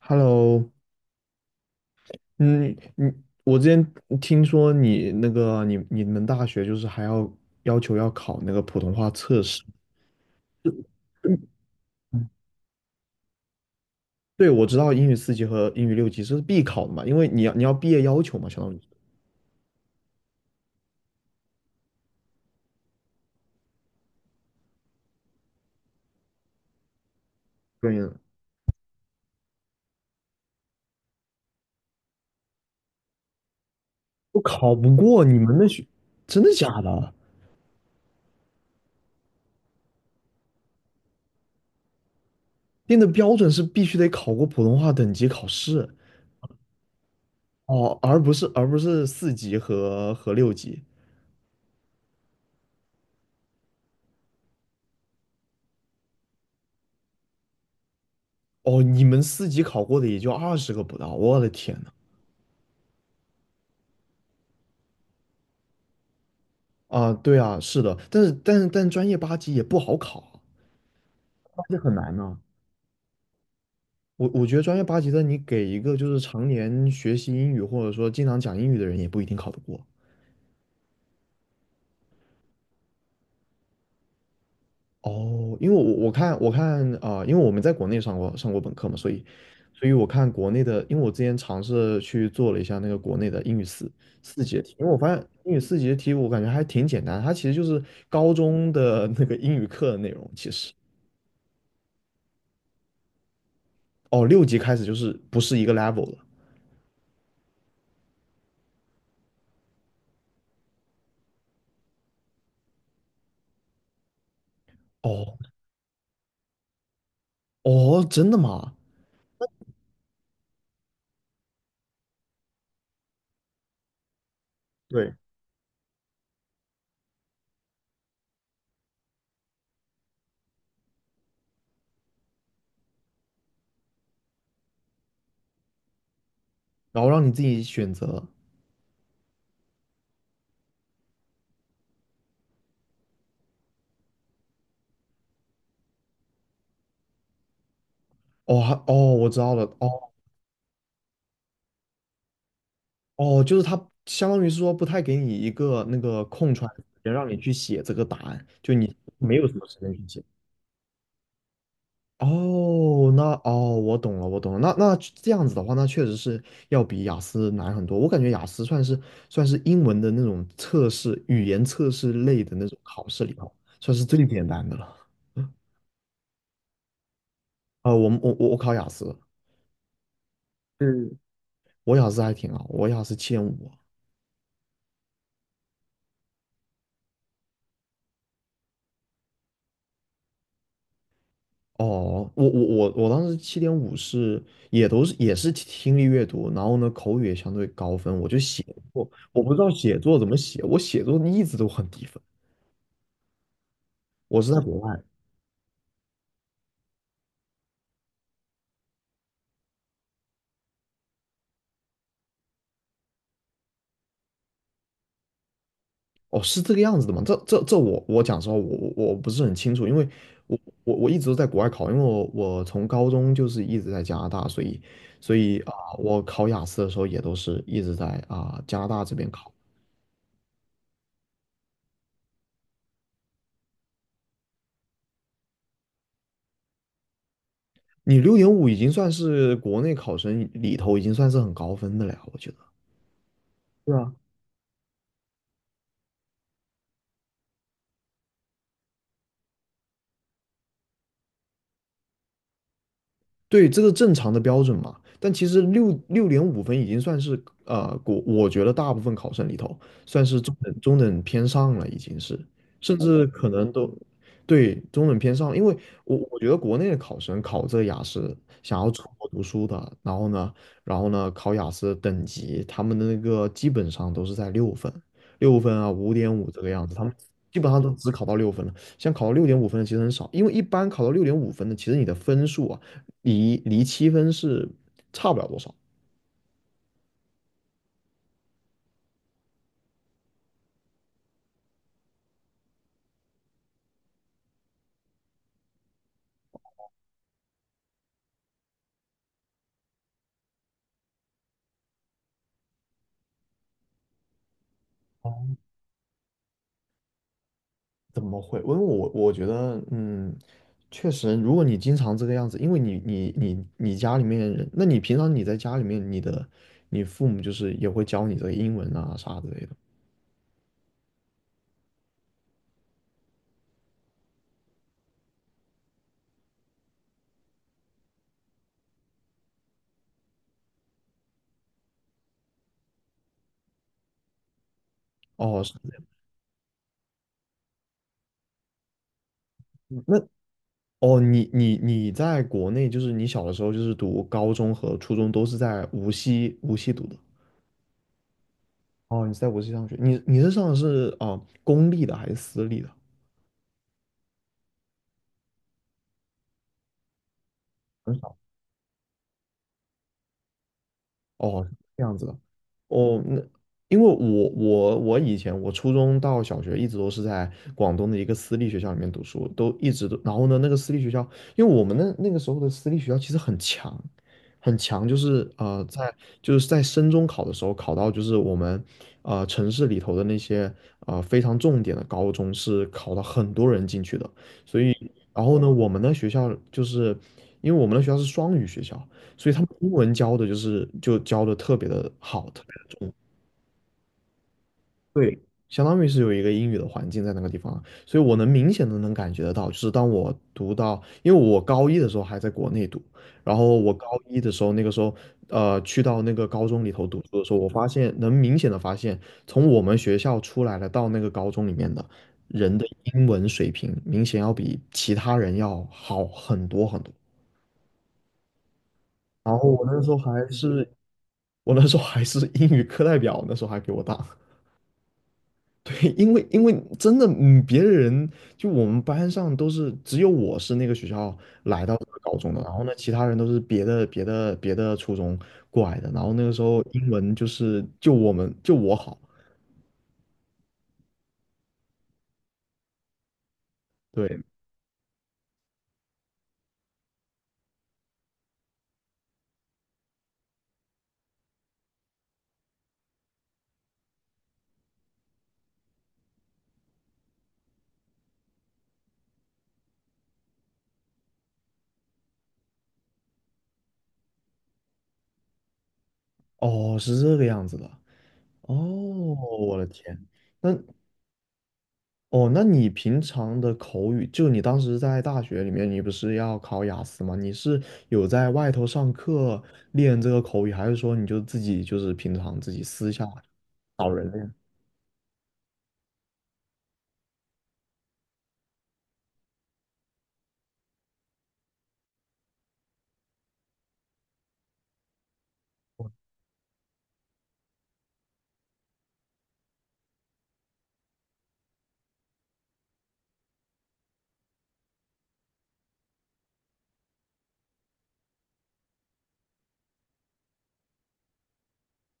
Hello,嗯，你我之前听说你那个你你们大学就是要求要考那个普通话测试。嗯，嗯，对，我知道英语四级和英语六级这是必考的嘛，因为你要毕业要求嘛，相当于是。对呀。我考不过你们那学。真的假的？定的标准是必须得考过普通话等级考试。哦，而不是四级和六级。哦，你们四级考过的也就20个不到，我的天。啊，对啊，是的，但是专业八级也不好考啊，八级很难呢。我觉得专业八级的，你给一个就是常年学习英语或者说经常讲英语的人，也不一定考得过。哦，因为我看因为我们在国内上过本科嘛，所以我看国内的，因为我之前尝试去做了一下那个国内的英语四四节题。因为我发现英语四级的题我感觉还挺简单，它其实就是高中的那个英语课的内容。其实哦，六级开始就是不是一个 level 了。哦。哦，真的吗？对，然后让你自己选择。哦，还，哦，我知道了。哦，哦，就是他相当于是说不太给你一个那个空出来的时间让你去写这个答案，就你没有什么时间去写。哦，那，哦，我懂了，我懂了。那那这样子的话，那确实是要比雅思难很多。我感觉雅思算是，英文的那种测试，语言测试类的那种考试里头，算是最简单的了。我们我考雅思。嗯，我雅思还挺好，我雅思七点五。哦，我当时七点五是也是听力阅读，然后呢口语也相对高分，我就写作，我不知道写作怎么写，我写作一直都很低分。我是在国外。哦，是这个样子的吗？这我讲实话，我不是很清楚，因为我我一直都在国外考。因为我从高中就是一直在加拿大，所以我考雅思的时候也都是一直在加拿大这边考。你六点五已经算是国内考生里头已经算是很高分的了呀，我觉得。对啊，对，这个正常的标准嘛。但其实六点五分已经算是，呃，我觉得大部分考生里头算是中等偏上了，已经是，甚至可能都，对，中等偏上了。因为我觉得国内的考生考这个雅思，想要出国读书的，然后呢，然后呢考雅思等级，他们的那个基本上都是在六分,5.5这个样子，他们基本上都只考到六分了。像考到六点五分的其实很少，因为一般考到六点五分的，其实你的分数啊，离7分是差不了多少。怎么会？因为我觉得，嗯，确实，如果你经常这个样子，因为你家里面人，那你平常你在家里面，你父母就是也会教你这个英文啊啥之类的。哦，是这样。那，哦，你在国内，就是你小的时候就是读高中和初中都是在无锡读的。哦，你是在无锡上学，你是上的是公立的还是私立的？哦，这样子的。哦，那，因为我以前初中到小学一直都是在广东的一个私立学校里面读书，都一直都，然后呢，那个私立学校，因为我们那个时候的私立学校其实很强，很强，就是，在，就是在升中考的时候考到，就是我们，呃，城市里头的那些，呃，非常重点的高中是考了很多人进去的。所以然后呢，我们的学校就是因为我们的学校是双语学校，所以他们英文教的就是就教的特别的好，特别的重。对，相当于是有一个英语的环境在那个地方啊。所以我能明显的能感觉得到，就是当我读到，因为我高一的时候还在国内读，然后我高一的时候那个时候，呃，去到那个高中里头读书的时候，我发现能明显的发现，从我们学校出来了到那个高中里面的人的英文水平，明显要比其他人要好很多很多。然后我那时候还是英语课代表，那时候还比我大。对，因为真的，嗯，别人，就我们班上都是只有我是那个学校来到这个高中的，然后呢，其他人都是别的初中过来的，然后那个时候英文就是就我们就我好。对。哦，是这个样子的。哦，我的天。那，哦，那你平常的口语，就你当时在大学里面，你不是要考雅思吗？你是有在外头上课练这个口语，还是说你就自己就是平常自己私下找人练？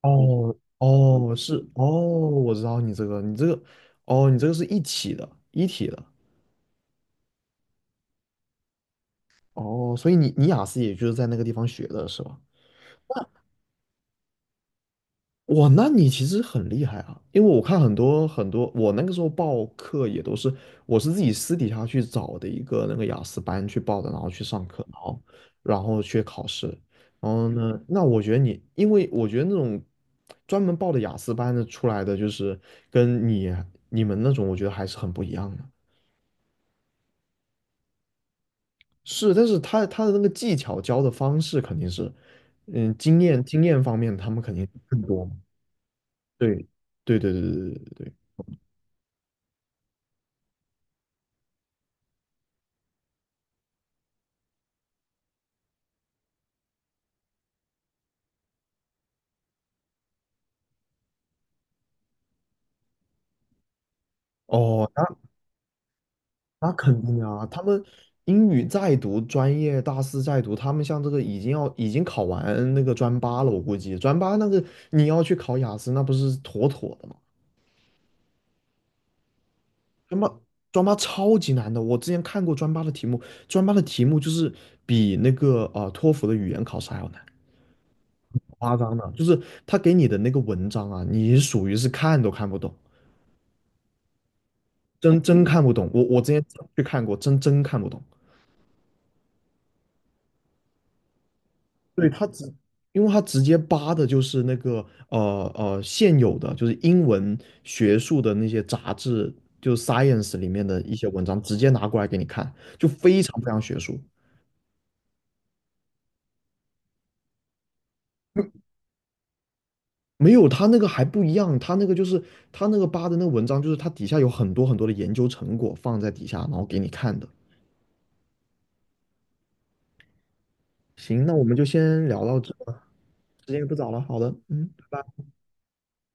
哦，哦，是哦，我知道你这个，你这个，哦，你这个是一体的，一体的。哦，所以你雅思也就是在那个地方学的是吧？哇，那你其实很厉害啊，因为我看很多很多，我那个时候报课也都是，我是自己私底下去找的一个那个雅思班去报的，然后去上课，然后然后去考试。然后呢，那我觉得你，因为我觉得那种专门报的雅思班的出来的，就是跟你你们那种，我觉得还是很不一样的。是，但是他他的那个技巧教的方式肯定是，嗯，经验，经验方面他们肯定更多嘛。对对对对对对对对。哦，那肯定啊，他们英语在读，专业大四在读，他们像这个已经要已经考完那个专八了，我估计专八那个你要去考雅思，那不是妥妥的吗？专八，专八超级难的。我之前看过专八的题目，专八的题目就是比那个托福的语言考试还要难。夸张的，就是他给你的那个文章啊，你属于是看都看不懂，真真看不懂。我我之前去看过，真真看不懂。对，他直，因为他直接扒的就是那个，呃，现有的，就是英文学术的那些杂志，就是 Science 里面的一些文章，直接拿过来给你看，就非常非常学术。没有，他那个还不一样，他那个就是他那个扒的那个文章，就是它底下有很多很多的研究成果放在底下，然后给你看的。行，那我们就先聊到这吧，时间也不早了，好的，嗯，拜拜。